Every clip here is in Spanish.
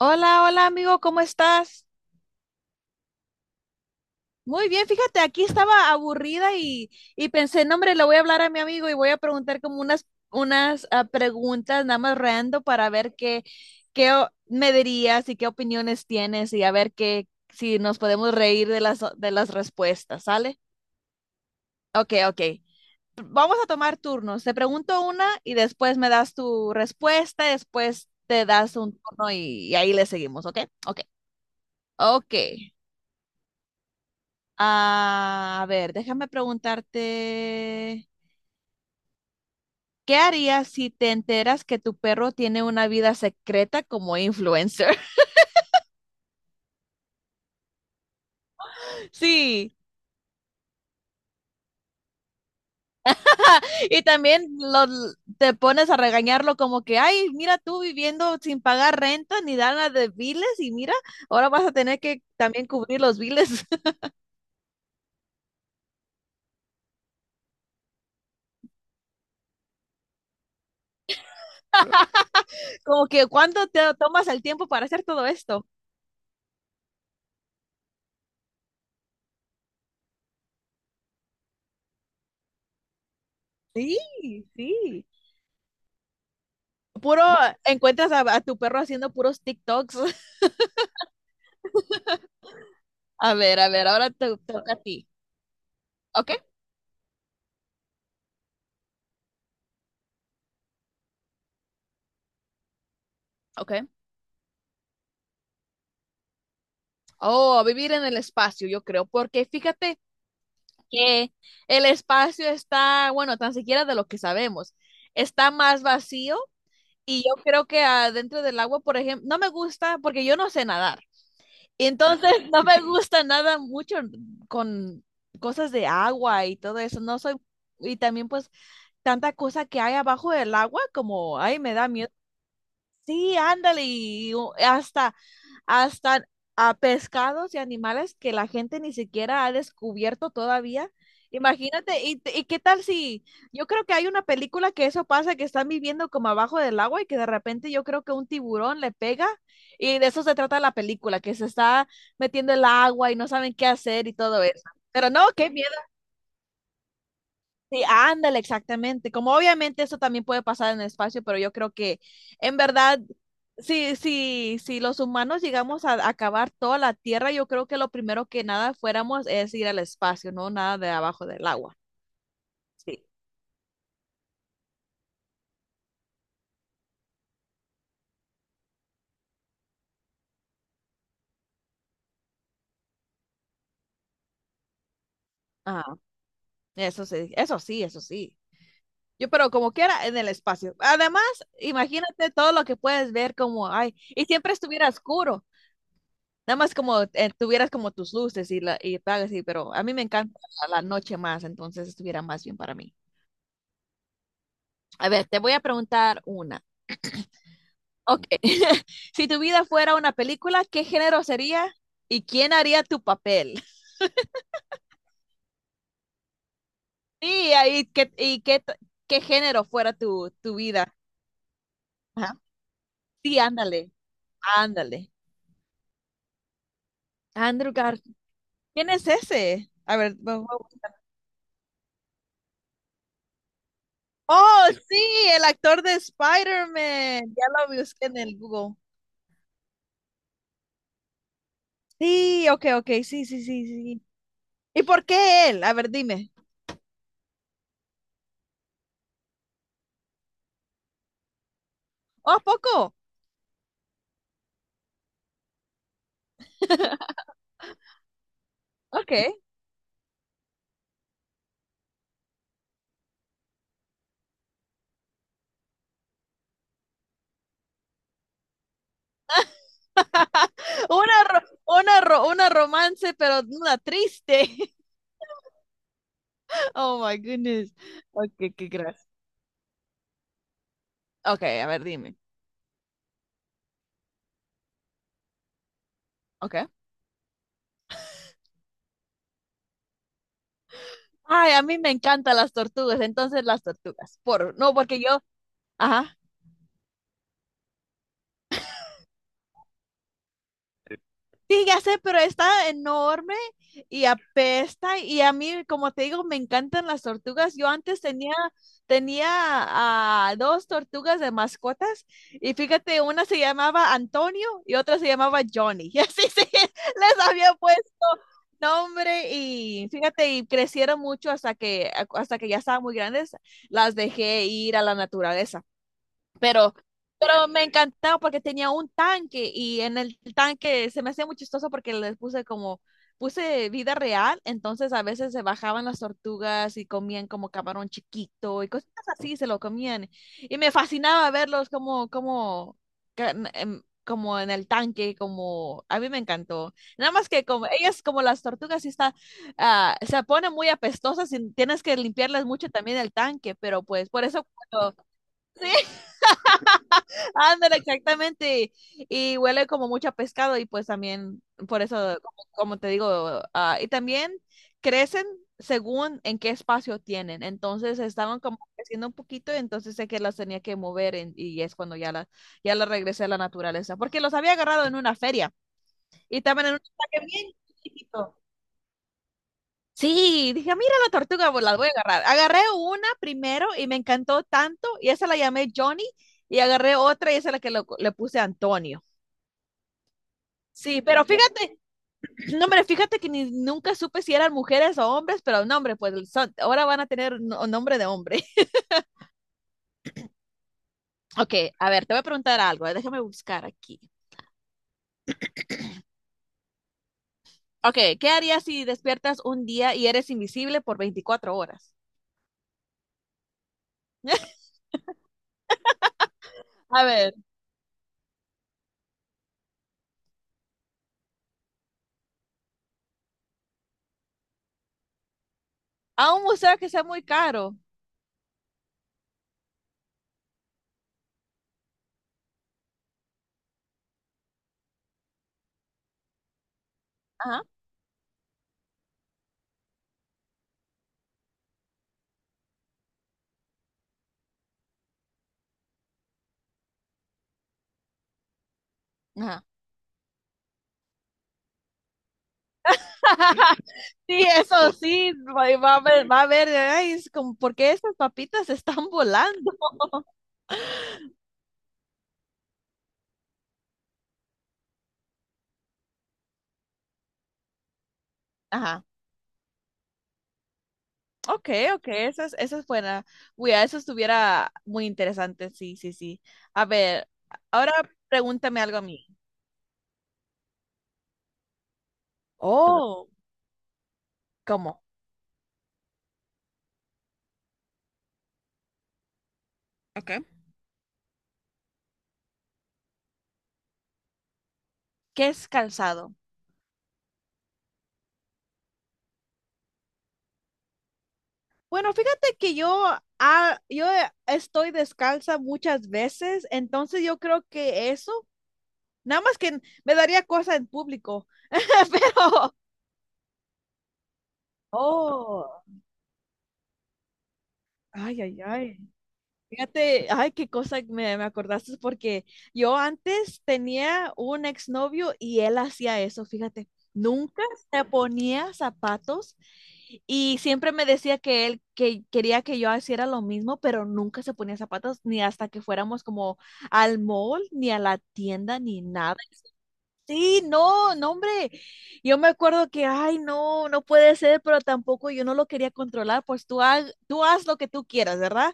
Hola, hola amigo, ¿cómo estás? Muy bien, fíjate, aquí estaba aburrida y pensé, no, hombre, le voy a hablar a mi amigo y voy a preguntar como unas preguntas nada más random para ver qué, qué me dirías y qué opiniones tienes y a ver qué, si nos podemos reír de las respuestas, ¿sale? Ok, ok. Vamos a tomar turnos. Te pregunto una y después me das tu respuesta, después te das un turno y ahí le seguimos, ¿ok? Ok. Ok. A ver, déjame preguntarte, ¿qué harías si te enteras que tu perro tiene una vida secreta como influencer? Sí, y también te pones a regañarlo como que, ay, mira tú viviendo sin pagar renta ni nada de biles y mira, ahora vas a tener que también cubrir los biles. Como que, ¿cuándo te tomas el tiempo para hacer todo esto? Sí, sí. Puro, encuentras a tu perro haciendo puros TikToks. A ver, ahora te toca a ti. Ok, ok. Oh, a vivir en el espacio, yo creo, porque fíjate que el espacio está, bueno, tan siquiera de lo que sabemos, está más vacío y yo creo que adentro del agua, por ejemplo, no me gusta porque yo no sé nadar. Entonces, no me gusta nada mucho con cosas de agua y todo eso. No soy, y también pues tanta cosa que hay abajo del agua, como, ay, me da miedo. Sí, ándale, y hasta a pescados y animales que la gente ni siquiera ha descubierto todavía. Imagínate, y qué tal si, yo creo que hay una película que eso pasa, que están viviendo como abajo del agua y que de repente yo creo que un tiburón le pega y de eso se trata la película, que se está metiendo el agua y no saben qué hacer y todo eso. Pero no, qué. Sí, ándale, exactamente. Como obviamente eso también puede pasar en el espacio, pero yo creo que en verdad, si los humanos llegamos a acabar toda la Tierra, yo creo que lo primero que nada fuéramos es ir al espacio, no nada de abajo del agua. Sí. Ah, eso sí, eso sí, eso sí. Yo, pero como quiera, en el espacio. Además, imagínate todo lo que puedes ver como, ay, y siempre estuviera oscuro. Nada más como tuvieras como tus luces y, la, y tal, y pero a mí me encanta la noche más, entonces estuviera más bien para mí. A ver, te voy a preguntar una. Ok, si tu vida fuera una película, ¿qué género sería y quién haría tu papel? Sí, ahí, ¿qué, y qué, t- qué género fuera tu vida? Ajá. Sí, ándale, ándale. Andrew Garfield. ¿Quién es ese? A ver, bu- bu- oh, sí, el actor de Spider-Man. Ya lo busqué en el Google. Sí, ok, ok, sí, sí, sí, sí. ¿Y por qué él? A ver, dime. ¿Oh, poco? Ok. Una romance, pero una triste. Oh my goodness. Ok, qué gracia. Ok, a ver, dime. Ok. Ay, a mí me encantan las tortugas, entonces las tortugas. Por, no, porque yo, ajá. Sí, ya sé, pero está enorme y apesta. Y a mí, como te digo, me encantan las tortugas. Yo antes tenía, tenía dos tortugas de mascotas y fíjate, una se llamaba Antonio y otra se llamaba Johnny. Y así sí, les había puesto nombre y fíjate, y crecieron mucho hasta que ya estaban muy grandes. Las dejé ir a la naturaleza. Pero, pero, me encantaba porque tenía un tanque y en el tanque se me hacía muy chistoso porque les puse como, puse vida real, entonces a veces se bajaban las tortugas y comían como camarón chiquito y cosas así, se lo comían. Y me fascinaba verlos como, como, ca- n- em, como en el tanque, como, a mí me encantó. Nada más que como, ellas como las tortugas sí está, se ponen muy apestosas y tienes que limpiarles mucho también el tanque, pero pues por eso. Cuando. Ándale, exactamente. Y huele como mucho a pescado y pues también, por eso, como te digo, y también crecen según en qué espacio tienen. Entonces estaban como creciendo un poquito, entonces sé que las tenía que mover y es cuando ya la regresé a la naturaleza, porque los había agarrado en una feria y también en un empaque bien chiquito. Sí, dije, "Ah, mira la tortuga, pues la voy a agarrar". Agarré una primero y me encantó tanto y esa la llamé Johnny y agarré otra y esa es la que le puse Antonio. Sí, pero fíjate, no, hombre, fíjate que ni, nunca supe si eran mujeres o hombres, pero no, hombre, pues son- ahora van a tener nombre de hombre. Ok, a ver, te voy a preguntar algo, déjame buscar aquí. Ok, ¿qué harías si despiertas un día y eres invisible por 24 horas? A ver, a un museo que sea muy caro. Ajá, ajá. Sí, eso sí, va a ver, ay, es como, ¿por qué estas papitas están volando? Ajá. Ok, ok, esa es buena. Uy, a eso estuviera muy interesante, sí, sí, sí. A ver, ahora pregúntame algo a mí. Oh, ¿cómo? Okay. ¿Qué es calzado? Bueno, fíjate que yo, yo estoy descalza muchas veces, entonces yo creo que eso, nada más que me daría cosa en público, pero. Oh, ay, ay, ay. Fíjate, ay, qué cosa me acordaste porque yo antes tenía un exnovio y él hacía eso, fíjate, nunca se ponía zapatos y siempre me decía que él que quería que yo hiciera lo mismo, pero nunca se ponía zapatos ni hasta que fuéramos como al mall, ni a la tienda, ni nada. Sí, no, no, hombre. Yo me acuerdo que, ay, no, no puede ser, pero tampoco yo no lo quería controlar, pues tú, tú haz lo que tú quieras, ¿verdad?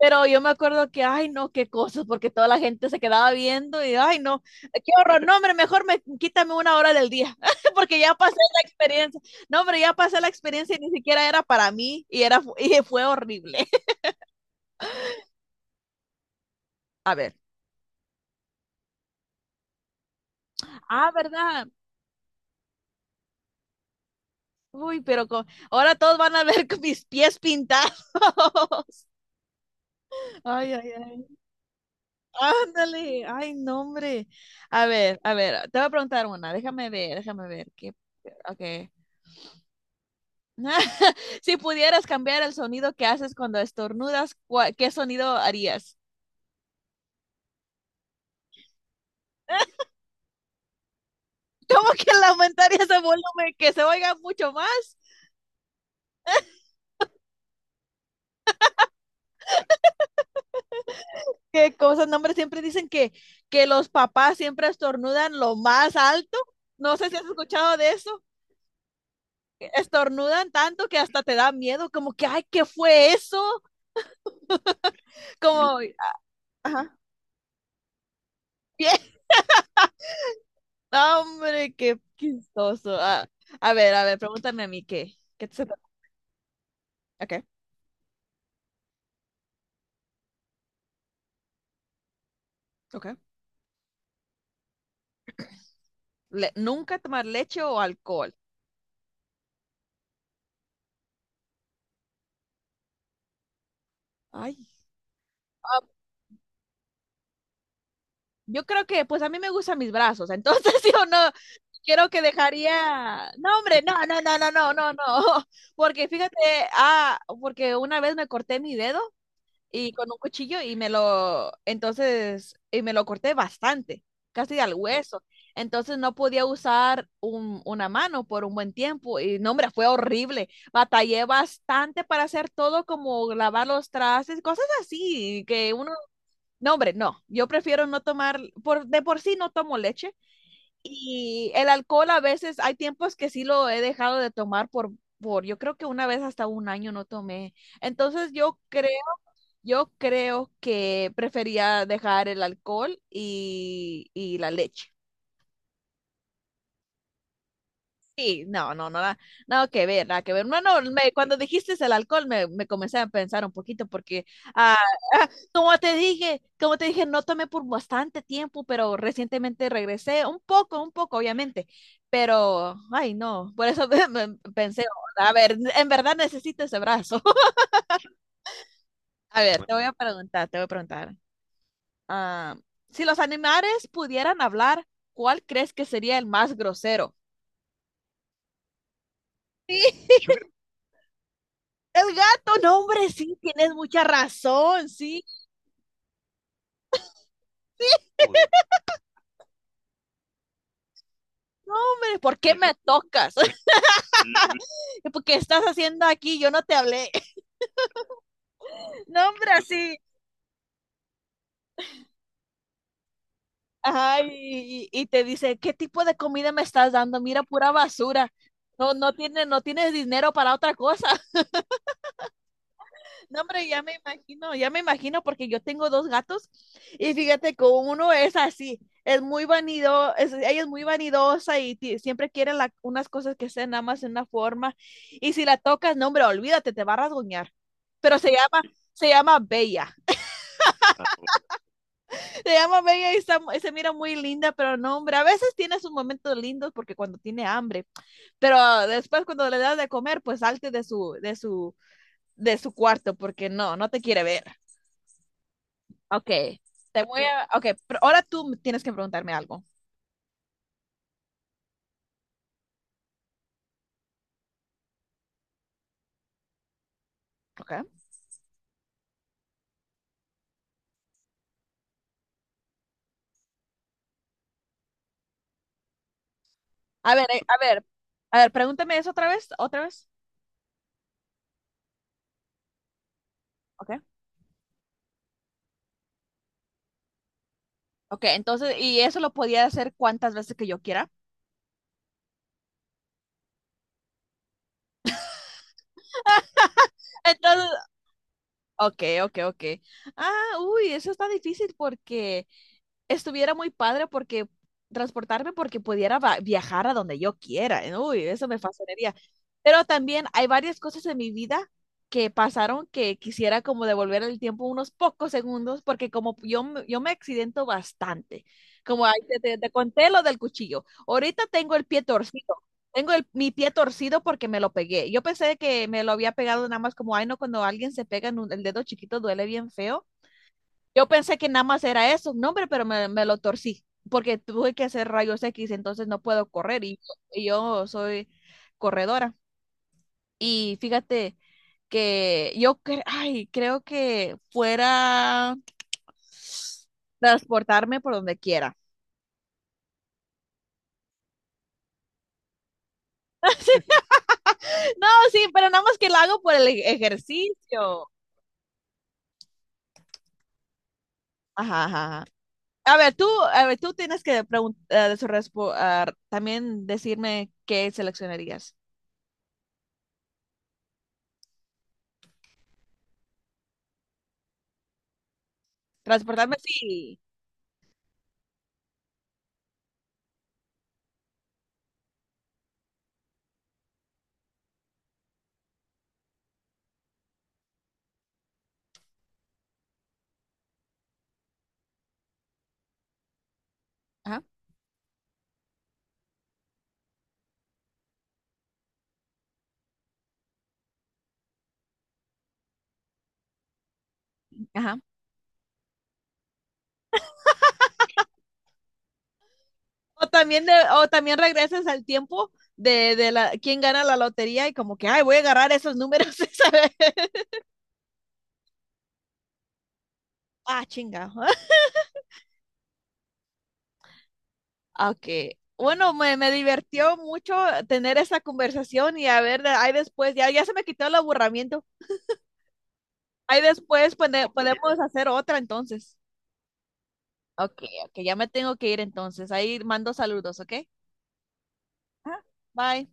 Pero yo me acuerdo que, ay, no, qué cosas, porque toda la gente se quedaba viendo y, ay, no, qué horror, no, hombre, quítame una hora del día, porque ya pasé la experiencia. No, hombre, ya pasé la experiencia y ni siquiera era para mí y fue horrible. A ver, ah, ¿verdad? Uy, pero con. Ahora todos van a ver con mis pies pintados. Ay, ay, ay. Ándale. Ay, no, hombre. A ver, te voy a preguntar una. Déjame ver, déjame ver. ¿Qué? Ok. Si pudieras cambiar el sonido que haces cuando estornudas, ¿qué sonido harías? Como que lamentaría el volumen, que se oiga mucho más. ¿Qué cosas? No, hombre, siempre dicen que los papás siempre estornudan lo más alto. No sé si has escuchado de eso. Que estornudan tanto que hasta te da miedo, como que, ay, ¿qué fue eso? Como, ajá. Bien. No, hombre, qué chistoso. Ah, a ver, pregúntame a mí qué. ¿Qué se, te? Ok, ok. Nunca tomar leche o alcohol. Ay. Ah. Yo creo que, pues a mí me gustan mis brazos, entonces yo no quiero que dejaría. No, hombre, no, no, no, no, no, no, no. Porque fíjate, porque una vez me corté mi dedo y con un cuchillo y me lo, entonces, y me lo corté bastante, casi al hueso. Entonces no podía usar una mano por un buen tiempo y no, hombre, fue horrible. Batallé bastante para hacer todo como lavar los trastes, cosas así, que uno, no, hombre, no, yo prefiero no tomar, por, de por sí no tomo leche y el alcohol a veces, hay tiempos que sí lo he dejado de tomar por, yo creo que una vez hasta un año no tomé. Entonces yo creo que prefería dejar el alcohol y la leche. Sí, no, no, no, nada, nada que ver, nada que ver. No, no, cuando dijiste el alcohol me comencé a pensar un poquito porque, ah, como te dije, no tomé por bastante tiempo, pero recientemente regresé, un poco, obviamente, pero, ay, no, por eso me pensé, a ver, en verdad necesito ese brazo. A ver, te voy a preguntar. ah, si los animales pudieran hablar, ¿cuál crees que sería el más grosero? Sí, el gato, no, hombre, sí, tienes mucha razón, sí. No, hombre, ¿por qué me tocas? ¿Porque estás haciendo aquí? Yo no te hablé. No, hombre, así. Ajá, y te dice, ¿qué tipo de comida me estás dando? Mira, pura basura. No, no tienes dinero para otra cosa. No, hombre, ya me imagino porque yo tengo dos gatos y fíjate que uno es así, es muy vanido, ella es muy vanidosa y siempre quiere unas cosas que sean nada más en una forma y si la tocas, no, hombre, olvídate, te va a rasguñar. Pero se llama Bella. Ah, se llama Bella y, está y se mira muy linda, pero no, hombre, a veces tiene sus momentos lindos porque cuando tiene hambre, pero después cuando le das de comer, pues salte de su, de su cuarto porque no, no te quiere ver. Ok, te voy a. Ok, pero ahora tú me tienes que preguntarme algo. Ok. A ver, a ver, a ver, pregúntame eso otra vez, otra vez. Ok. Ok, entonces, y eso lo podía hacer cuantas veces que yo quiera. Entonces, ok, ok, ok. Ah, uy, eso está difícil porque estuviera muy padre porque transportarme porque pudiera viajar a donde yo quiera. ¿Eh? Uy, eso me fascinaría. Pero también hay varias cosas en mi vida que pasaron que quisiera como devolver el tiempo unos pocos segundos porque como yo, yo me accidento bastante. Como ahí te, te conté lo del cuchillo. Ahorita tengo el pie torcido. Tengo mi pie torcido porque me lo pegué. Yo pensé que me lo había pegado nada más como, ay, no, cuando alguien se pega en el dedo chiquito duele bien feo, yo pensé que nada más era eso, un nombre, pero me lo torcí, porque tuve que hacer rayos X, entonces no puedo correr y yo soy corredora. Y fíjate que yo ay, creo que fuera transportarme por donde quiera. No, sí, pero nada más que lo hago por el ejercicio. Ajá, ajá, ajá. A ver, tú, a ver, tú tienes que preguntar, también decirme qué seleccionarías. Transportarme, sí. Ajá, ajá. O también, de, o también regresas al tiempo de la, quién gana la lotería y como que, ay, voy a agarrar esos números esa vez. Ah, chinga. Ok. Bueno, me divertió mucho tener esa conversación y a ver, ahí después, ya, ya se me quitó el aburrimiento. Ahí después podemos hacer otra entonces. Ok, ok, ya me tengo que ir entonces. Ahí mando saludos, ¿ok? Bye.